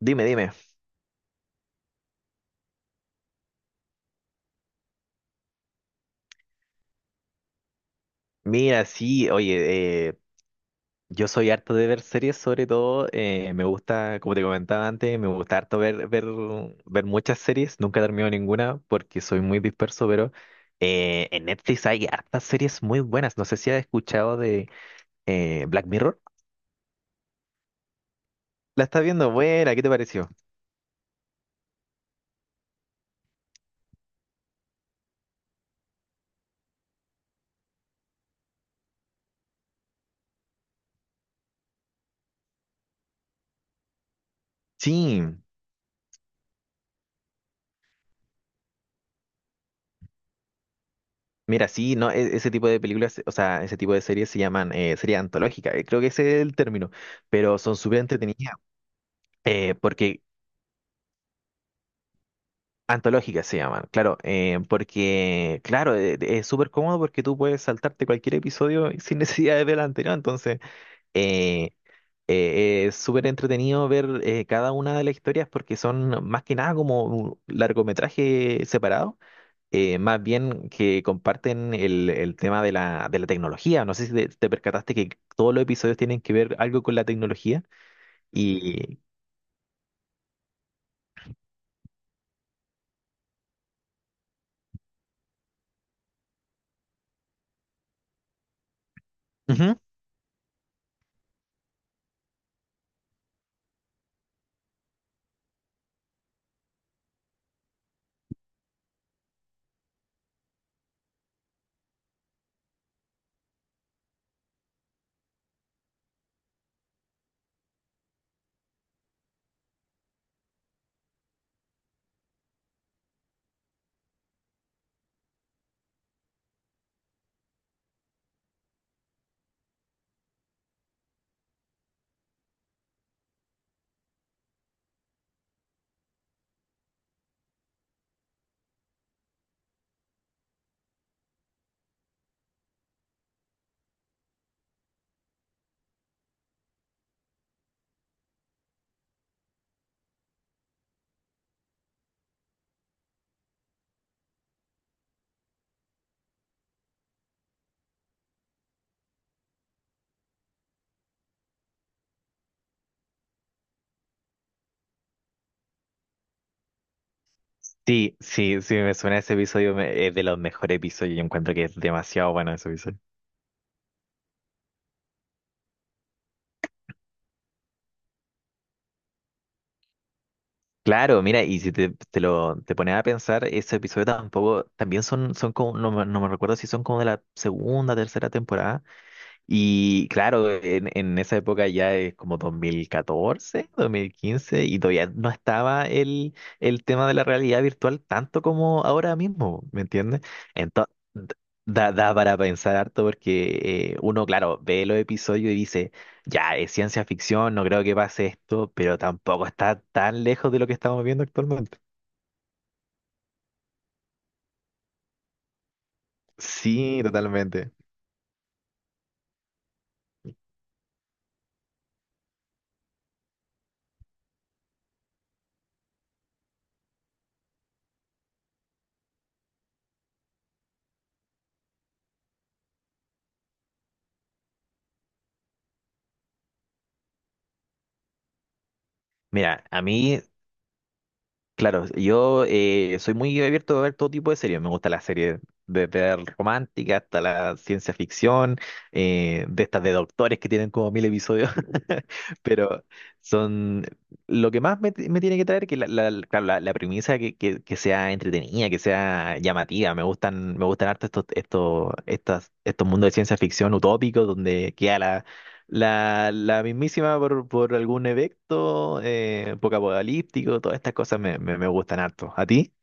Dime, dime. Mira, sí, oye, yo soy harto de ver series, sobre todo, me gusta, como te comentaba antes, me gusta harto ver muchas series, nunca termino ninguna porque soy muy disperso, pero en Netflix hay hartas series muy buenas. No sé si has escuchado de Black Mirror. La estás viendo, buena, ¿qué te pareció? Sí, mira, sí, no, ese tipo de películas, o sea, ese tipo de series se llaman series antológicas, creo que ese es el término, pero son súper entretenidas. Porque antológicas se llaman, claro, porque, claro, es súper cómodo porque tú puedes saltarte cualquier episodio sin necesidad de ver el anterior, entonces eh, es súper entretenido ver cada una de las historias porque son más que nada como un largometraje separado, más bien que comparten el tema de de la tecnología, no sé si te percataste que todos los episodios tienen que ver algo con la tecnología y... Ujú. Sí, me suena ese episodio, es de los mejores episodios, yo encuentro que es demasiado bueno ese episodio. Claro, mira, y si te lo te pones a pensar, ese episodio tampoco, también son, son como, no, me no me recuerdo si son como de la segunda, tercera temporada, y claro, en esa época ya es como 2014, 2015, y todavía no estaba el tema de la realidad virtual tanto como ahora mismo, ¿me entiendes? Entonces, da para pensar harto porque uno, claro, ve los episodios y dice, ya, es ciencia ficción, no creo que pase esto, pero tampoco está tan lejos de lo que estamos viendo actualmente. Sí, totalmente. Mira, a mí claro, yo soy muy abierto a ver todo tipo de series. Me gusta las series desde la romántica hasta la ciencia ficción, de estas de doctores que tienen como mil episodios. Pero son lo que más me tiene que traer que claro, la premisa que sea entretenida, que sea llamativa. Me gustan harto estos mundos de ciencia ficción utópicos donde queda la la mismísima por algún evento apocalíptico, todas estas cosas me gustan harto. ¿A ti?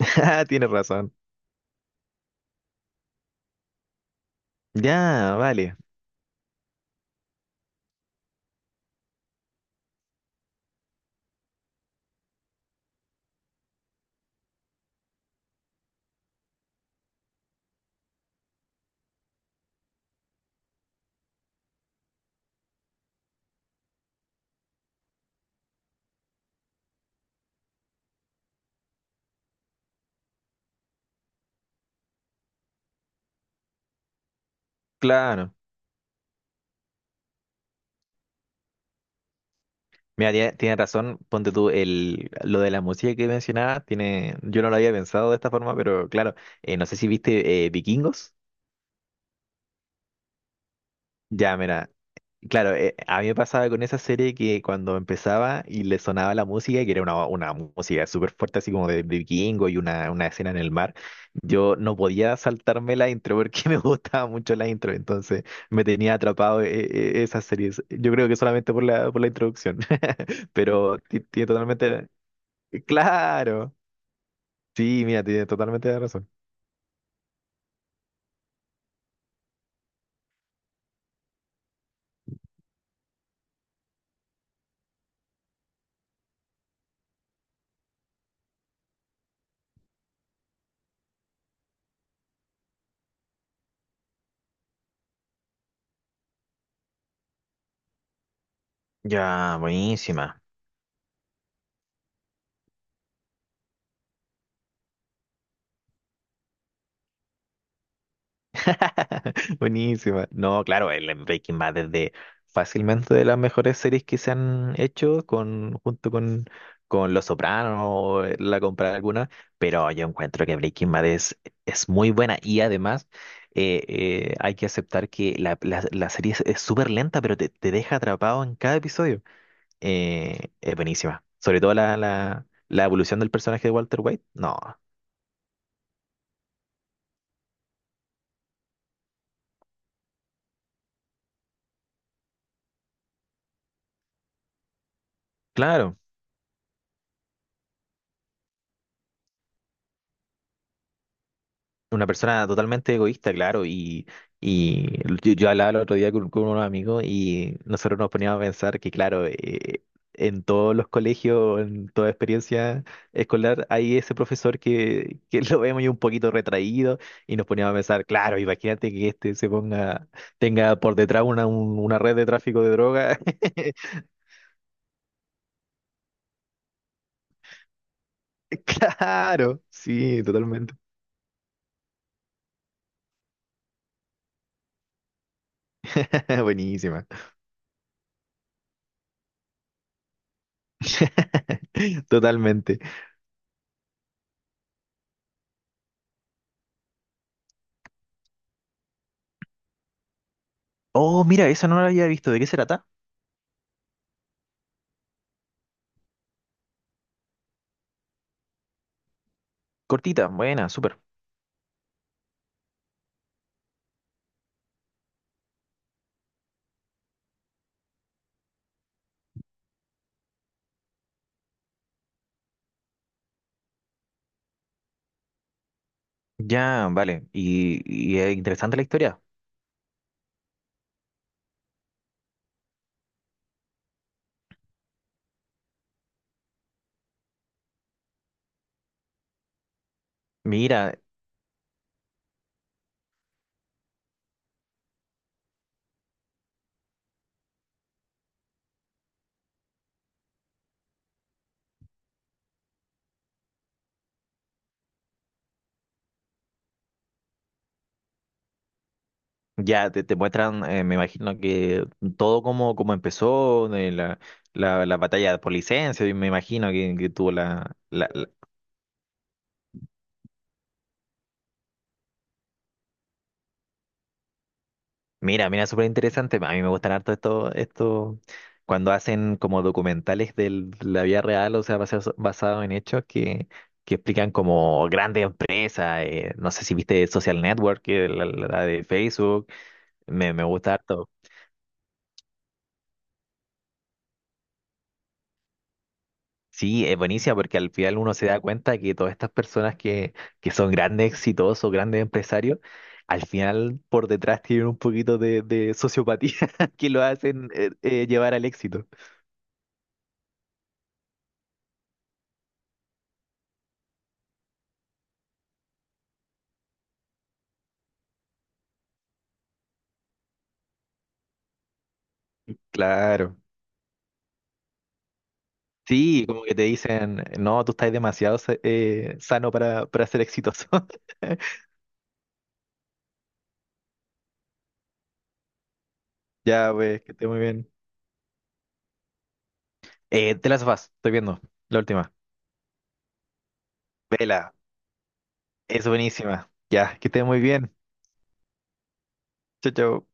Ah, tienes razón. Ya, vale, claro. Mira, tienes razón, ponte tú el, lo de la música que mencionabas, tiene, yo no lo había pensado de esta forma, pero claro, no sé si viste Vikingos. Ya, mira, claro, a mí me pasaba con esa serie que cuando empezaba y le sonaba la música, que era una música súper fuerte, así como de vikingo y una escena en el mar, yo no podía saltarme la intro porque me gustaba mucho la intro, entonces me tenía atrapado esas series. Yo creo que solamente por por la introducción, pero tiene totalmente... Claro, sí, mira, tiene totalmente razón. Ya, buenísima. Buenísima. No, claro, el Breaking Bad es de fácilmente de las mejores series que se han hecho junto con Los Sopranos o la compra alguna, pero yo encuentro que Breaking Bad es muy buena y además hay que aceptar que la serie es súper lenta, pero te deja atrapado en cada episodio. Es buenísima. Sobre todo la evolución del personaje de Walter White. No, claro. Una persona totalmente egoísta, claro, y yo hablaba el otro día con unos amigos y nosotros nos poníamos a pensar que, claro, en todos los colegios, en toda experiencia escolar, hay ese profesor que, que lo vemos y un poquito retraído y nos poníamos a pensar, claro, imagínate que este se ponga, tenga por detrás una, una red de tráfico de droga. Claro, sí, totalmente. Buenísima. Totalmente. Oh, mira, esa no la había visto. ¿De qué se trata? Cortita, buena, súper. Ya, vale. Y es interesante la historia. Mira, ya te muestran, me imagino que todo como, como empezó, de la, la batalla por licencia, y me imagino que tuvo la, mira, mira, súper interesante. A mí me gustan harto esto, cuando hacen como documentales de la vida real, o sea, basados basado en hechos que explican como grandes empresas. Eh, no sé si viste Social Network, que la de Facebook. Me gusta harto. Sí, es buenísima porque al final uno se da cuenta que todas estas personas que son grandes, exitosos, grandes empresarios, al final por detrás tienen un poquito de sociopatía que lo hacen llevar al éxito. Claro. Sí, como que te dicen, no, tú estás demasiado sano para ser exitoso. Ya, pues, que esté muy bien. The Last of Us, estoy viendo, la última. Vela, es buenísima. Ya, que esté muy bien. Chao, chao.